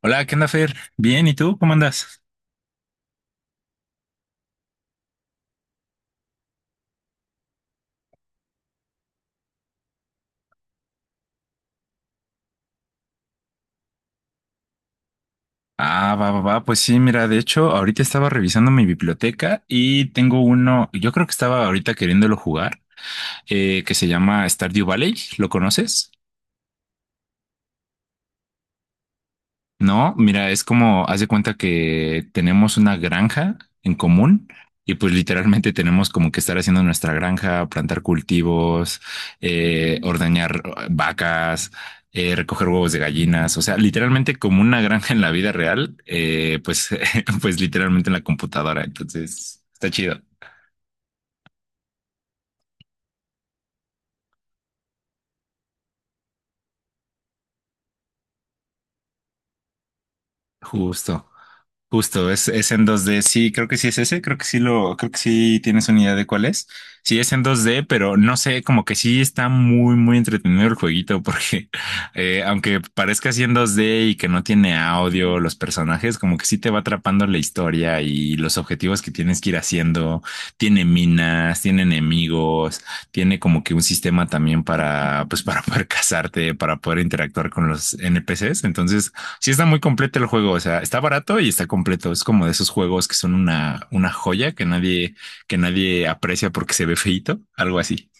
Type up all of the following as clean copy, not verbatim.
Hola, ¿qué onda, Fer? Bien, ¿y tú? ¿Cómo andas? Ah, va, va, va. Pues sí, mira, de hecho, ahorita estaba revisando mi biblioteca y tengo uno, yo creo que estaba ahorita queriéndolo jugar, que se llama Stardew Valley. ¿Lo conoces? No, mira, es como, haz de cuenta que tenemos una granja en común y pues literalmente tenemos como que estar haciendo nuestra granja, plantar cultivos, ordeñar vacas, recoger huevos de gallinas, o sea, literalmente como una granja en la vida real, pues, pues literalmente en la computadora, entonces está chido. Justo. Justo, es en 2D. Sí, creo que sí es ese. Creo que sí tienes una idea de cuál es. Sí, es en 2D, pero no sé, como que sí está muy, muy entretenido el jueguito, porque aunque parezca así en 2D y que no tiene audio, los personajes, como que sí te va atrapando la historia y los objetivos que tienes que ir haciendo. Tiene minas, tiene enemigos, tiene como que un sistema también para, pues, para poder casarte, para poder interactuar con los NPCs. Entonces, sí, está muy completo el juego. O sea, está barato y está completo. Es como de esos juegos que son una joya que nadie aprecia porque se ve feito, algo así.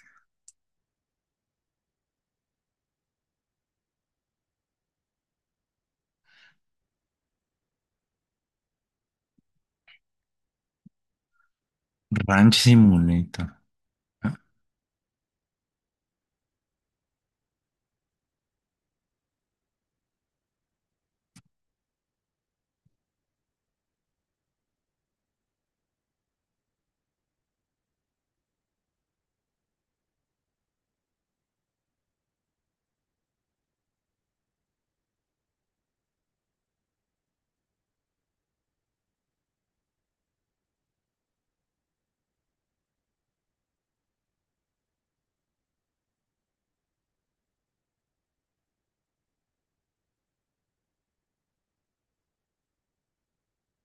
Ranch Simulator.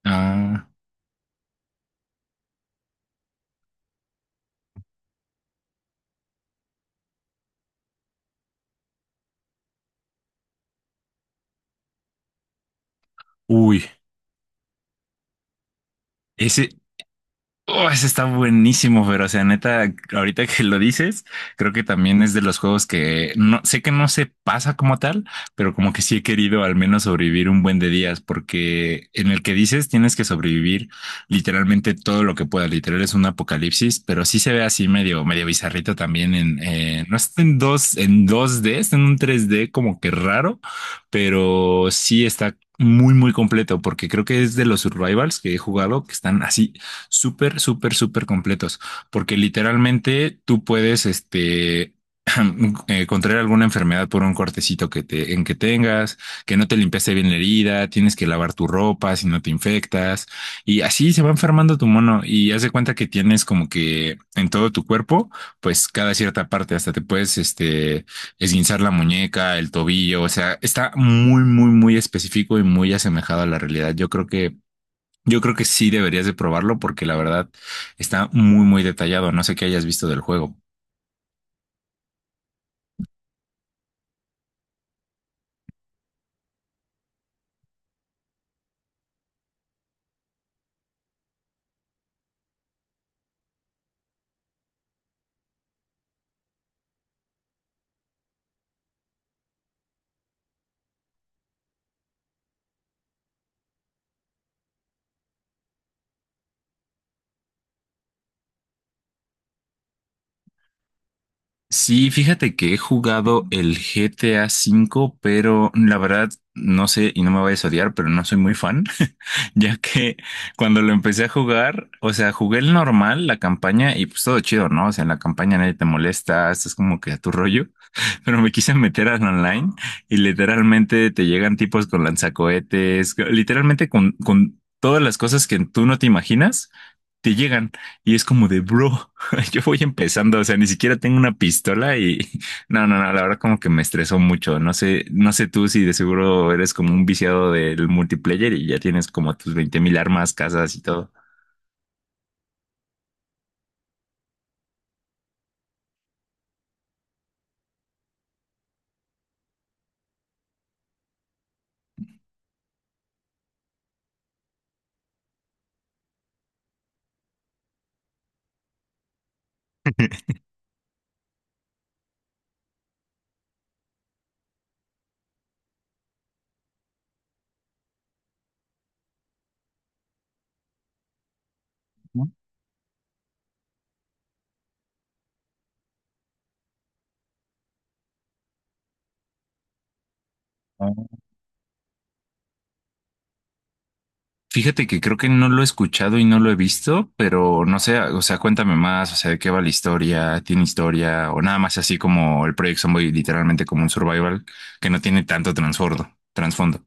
Ah, uy, ese, oh, ese está buenísimo, pero o sea, neta, ahorita que lo dices, creo que también es de los juegos que no sé que no se pasa como tal, pero como que sí he querido al menos sobrevivir un buen de días, porque en el que dices tienes que sobrevivir literalmente todo lo que puedas. Literal es un apocalipsis, pero sí se ve así medio, medio bizarrito no está en 2D está en un 3D como que raro, pero sí está muy, muy completo, porque creo que es de los survivals que he jugado que están así súper, súper, súper completos, porque literalmente tú puedes, contraer alguna enfermedad por un cortecito en que tengas, que no te limpiaste bien la herida, tienes que lavar tu ropa si no te infectas, y así se va enfermando tu mono y haz de cuenta que tienes como que en todo tu cuerpo, pues cada cierta parte, hasta te puedes, esguinzar la muñeca, el tobillo, o sea, está muy, muy, muy específico y muy asemejado a la realidad. Yo creo que sí deberías de probarlo porque la verdad está muy, muy detallado. No sé qué hayas visto del juego. Sí, fíjate que he jugado el GTA V, pero la verdad no sé y no me vayas a odiar, pero no soy muy fan, ya que cuando lo empecé a jugar, o sea, jugué el normal, la campaña y pues todo chido, ¿no? O sea, en la campaña nadie te molesta, estás como que a tu rollo, pero me quise meter al online y literalmente te llegan tipos con lanzacohetes, literalmente con todas las cosas que tú no te imaginas te llegan y es como de, bro, yo voy empezando, o sea, ni siquiera tengo una pistola y no, no, no, la verdad como que me estresó mucho. No sé, no sé tú si de seguro eres como un viciado del multiplayer y ya tienes como tus 20,000 armas, casas y todo. ¿No? Ah. Fíjate que creo que no lo he escuchado y no lo he visto, pero no sé, o sea, cuéntame más, o sea, de qué va la historia, tiene historia o nada más así como el Project Zomboid, literalmente como un survival que no tiene tanto trasfondo.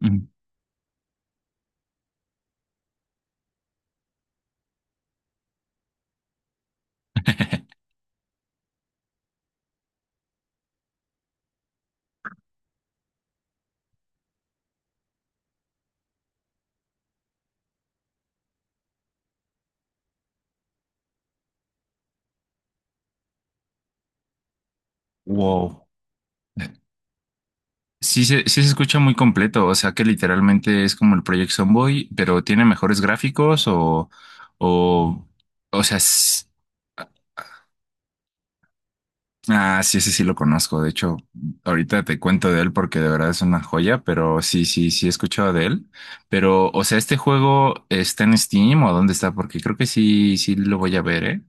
Ujú. Wow. Sí se escucha muy completo, o sea que literalmente es como el Project Zomboid, pero tiene mejores gráficos o, o sea, s- ah, ah, sí, ese sí lo conozco, de hecho, ahorita te cuento de él porque de verdad es una joya, pero sí, sí, sí he escuchado de él, pero, o sea, ¿este juego está en Steam o dónde está? Porque creo que sí, sí lo voy a ver, ¿eh?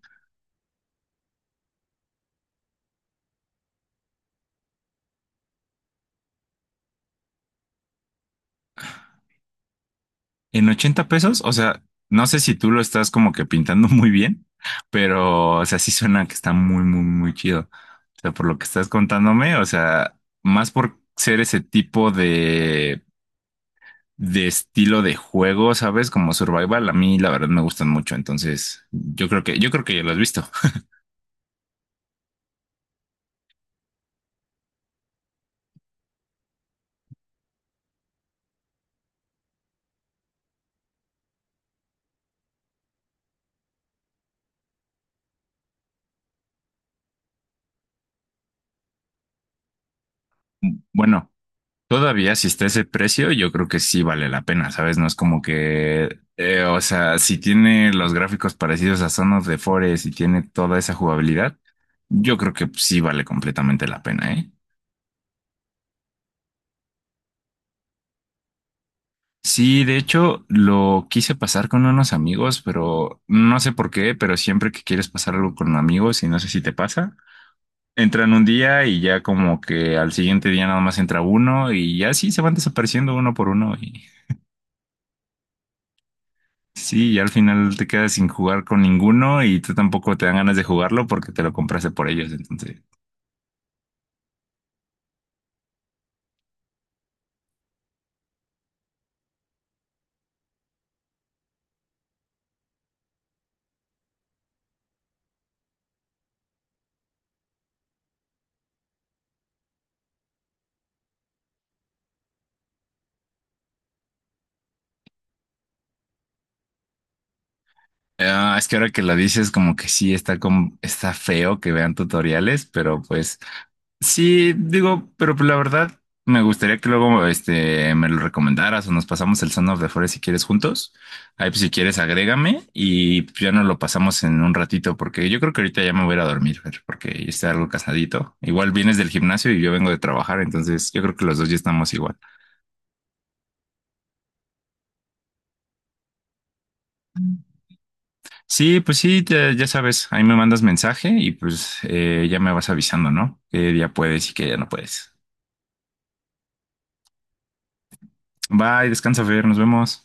En 80 pesos, o sea, no sé si tú lo estás como que pintando muy bien, pero, o sea, sí suena que está muy, muy, muy chido. O sea, por lo que estás contándome, o sea, más por ser ese tipo de estilo de juego, ¿sabes? Como survival, a mí la verdad me gustan mucho, entonces yo creo que ya lo has visto. Bueno, todavía si está ese precio, yo creo que sí vale la pena, ¿sabes? No es como que, o sea, si tiene los gráficos parecidos a Son of the Forest y tiene toda esa jugabilidad, yo creo que sí vale completamente la pena, ¿eh? Sí, de hecho, lo quise pasar con unos amigos, pero no sé por qué, pero siempre que quieres pasar algo con amigos y no sé si te pasa, entran un día y ya como que al siguiente día nada más entra uno y ya sí se van desapareciendo uno por uno. Sí, y al final te quedas sin jugar con ninguno y tú tampoco te dan ganas de jugarlo porque te lo compraste por ellos. Entonces, ah, es que ahora que lo dices, como que sí está, como, está feo que vean tutoriales, pero pues sí, digo, pero pues, la verdad me gustaría que luego me lo recomendaras o nos pasamos el Son of the Forest si quieres juntos. Ahí pues si quieres agrégame y pues, ya nos lo pasamos en un ratito porque yo creo que ahorita ya me voy a ir a dormir, Fer, porque ya está algo cansadito. Igual vienes del gimnasio y yo vengo de trabajar, entonces yo creo que los dos ya estamos igual. Sí, pues sí, te- ya sabes, ahí me mandas mensaje y pues ya me vas avisando, ¿no? Que ya puedes y que ya no puedes. Bye, descansa, Fer, nos vemos.